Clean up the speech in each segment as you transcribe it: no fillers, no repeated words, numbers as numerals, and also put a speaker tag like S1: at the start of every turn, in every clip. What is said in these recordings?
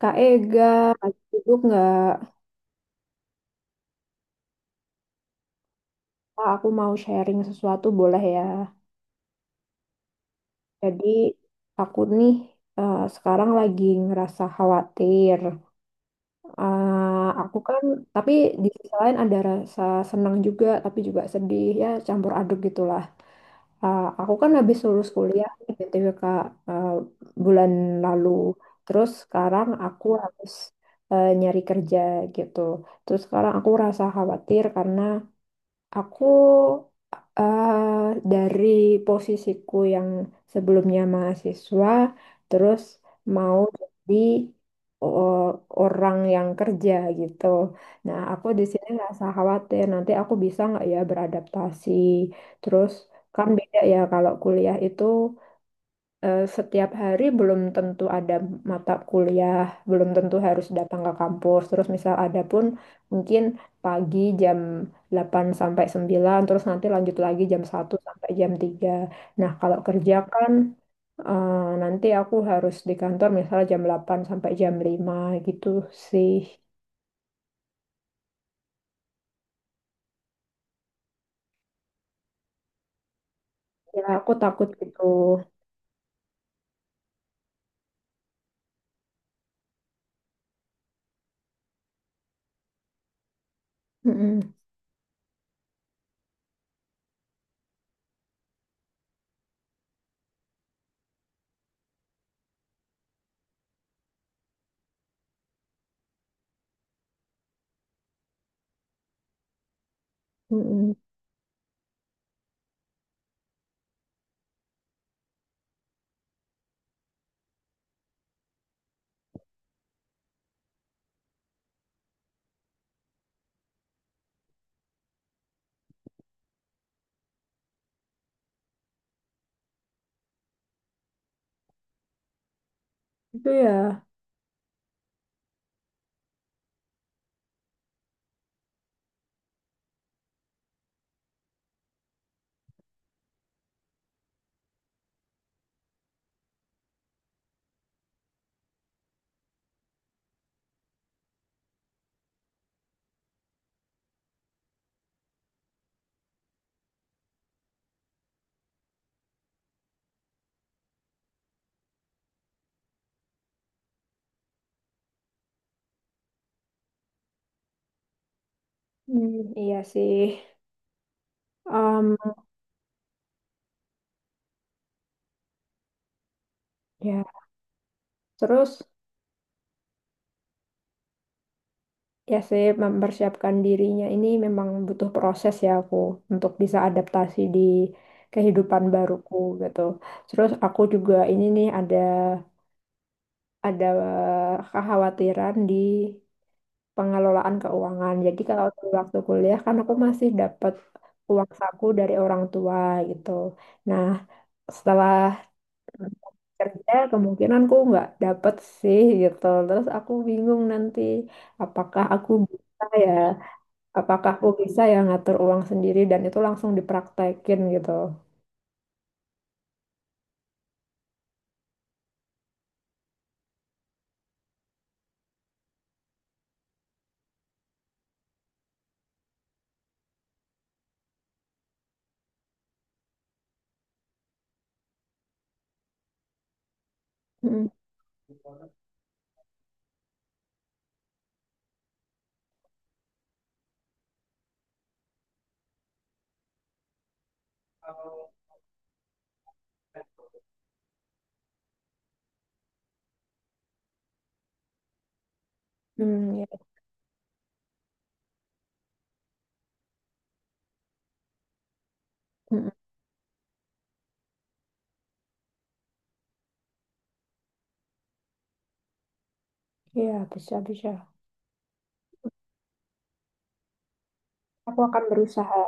S1: Kak Ega, lagi sibuk nggak? Kak, aku mau sharing sesuatu, boleh ya? Jadi, aku nih sekarang lagi ngerasa khawatir. Eh, aku kan, tapi di sisi lain ada rasa senang juga, tapi juga sedih, ya campur aduk gitulah. Aku kan habis lulus kuliah, nih, BTW Kak, eh, bulan lalu. Terus sekarang aku harus nyari kerja gitu. Terus sekarang aku rasa khawatir karena Aku dari posisiku yang sebelumnya mahasiswa, terus mau jadi o- orang yang kerja gitu. Nah, aku di sini ngerasa khawatir nanti aku bisa nggak ya beradaptasi. Terus kan beda ya kalau kuliah itu setiap hari belum tentu ada mata kuliah, belum tentu harus datang ke kampus. Terus misal ada pun mungkin pagi jam 8 sampai sembilan, terus nanti lanjut lagi jam satu sampai jam tiga. Nah, kalau kerja kan eh, nanti aku harus di kantor misalnya jam 8 sampai jam lima gitu sih. Ya, aku takut gitu. Mm-mm, mm-mm. Itu ya. Hmm, iya sih. Em, ya, terus ya sih, mempersiapkan dirinya ini memang butuh proses ya, aku untuk bisa adaptasi di kehidupan baruku gitu. Terus aku juga ini nih ada ada kekhawatiran di pengelolaan keuangan. Jadi kalau dulu waktu kuliah kan aku masih dapat uang saku dari orang tua gitu. Nah, setelah kerja kemungkinan kemungkinanku nggak dapet sih gitu. Terus aku bingung nanti apakah aku bisa ya apakah aku bisa ya ngatur uang sendiri dan itu langsung dipraktekin gitu. Mm, hmm, ya. Mm, iya, bisa, bisa. Aku akan berusaha.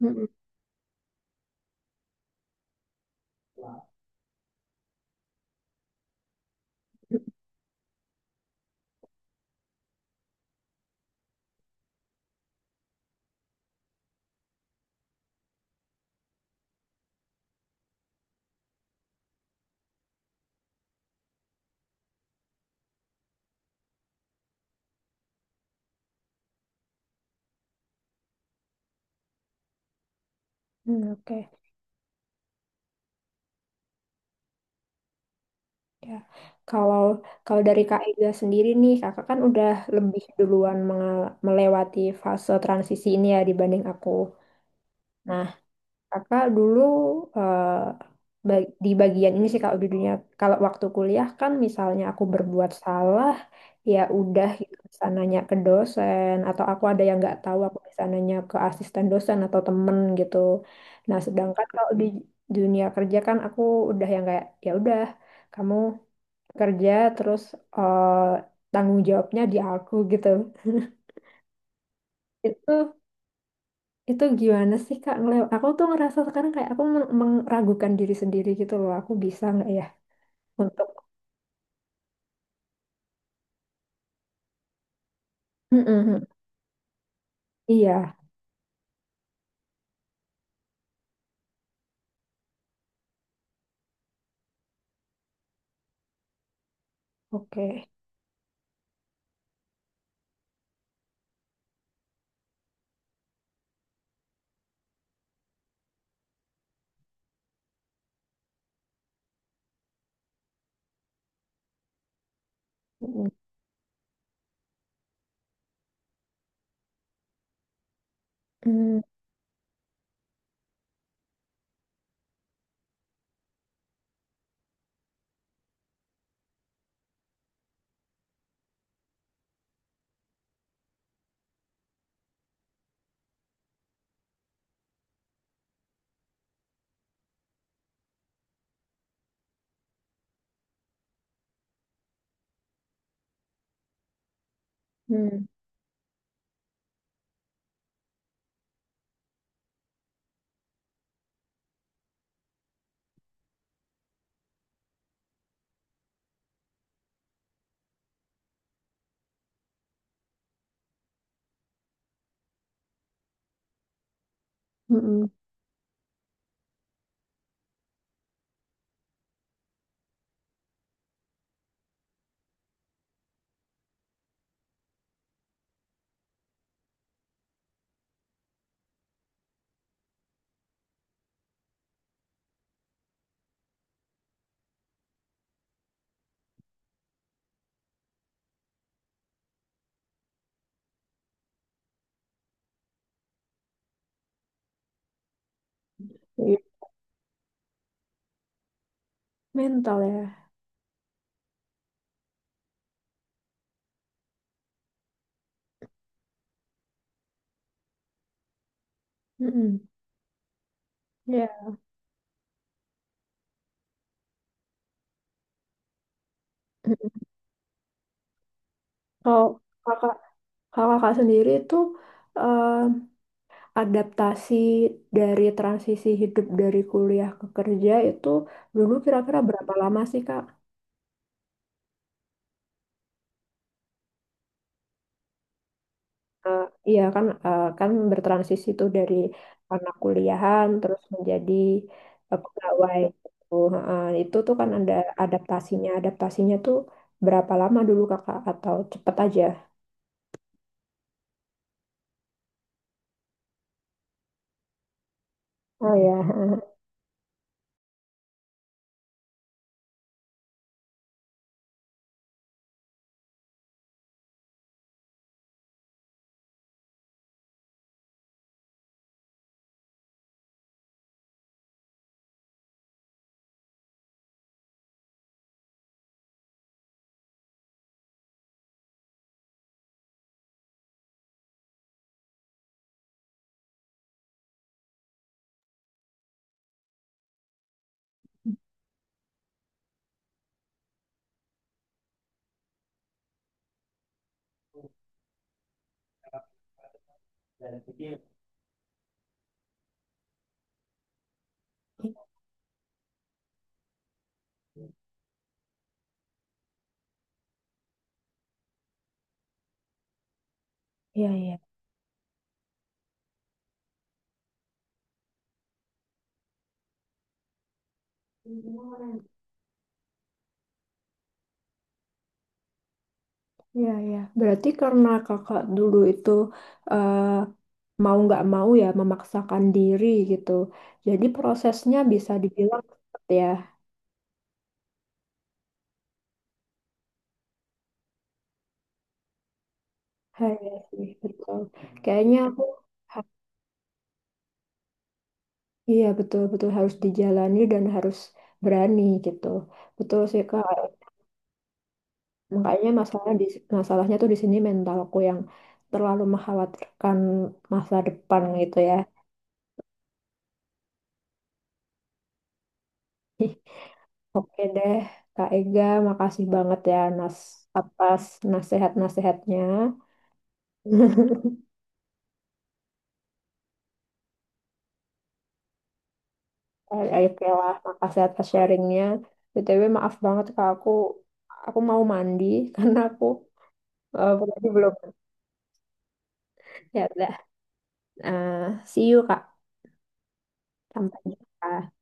S1: Mm, mm, mm, mm, oke, ya. Kalau kalau dari Kak Ega sendiri nih, Kakak kan udah lebih duluan melewati fase transisi ini ya dibanding aku. Nah, Kakak dulu eh, di bagian ini sih kalau di dunia, kalau waktu kuliah kan misalnya aku berbuat salah, ya udah gitu bisa nanya ke dosen, atau aku ada yang nggak tahu aku bisa nanya ke asisten dosen atau temen gitu. Nah sedangkan kalau di dunia kerja kan aku udah yang kayak ya udah, kamu kerja terus eh, tanggung jawabnya di aku gitu. Itu itu gimana sih Kak? Ngelew aku tuh ngerasa sekarang kayak aku meragukan diri sendiri gitu loh. Aku bisa nggak ya untuk mm-mm. Iya, oke. Mm-mm. Mm-mm. Mm-mm. Iya. Mental ya. Mm-mm. Iya. Mm-mm. Kalau kakak, kalau kakak sendiri itu eh, adaptasi dari transisi hidup dari kuliah ke kerja itu dulu kira-kira berapa lama sih Kak? Eh, iya kan, kan bertransisi tuh dari anak kuliahan terus menjadi pegawai gitu. Heeh, itu tuh kan ada adaptasinya. Adaptasinya tuh berapa lama dulu Kakak atau cepet aja? Oh ya. Iya, iya. Iya, iya. Berarti karena kakak dulu itu eh, mau nggak mau ya memaksakan diri gitu. Jadi prosesnya bisa dibilang cepet ya. Iya sih, betul. Kayaknya aku iya betul-betul harus dijalani dan harus berani gitu. Betul sih Kak. Makanya masalahnya tuh di sini mentalku yang terlalu mengkhawatirkan masa depan gitu ya. Oke deh, Kak Ega, makasih banget ya, atas nasihat-nasihatnya. Eh, oke lah, makasih atas sharingnya. BTW maaf banget Kak, aku mau mandi karena aku eh, belum belum ya udah. Eh, see you Kak. Sampai jumpa.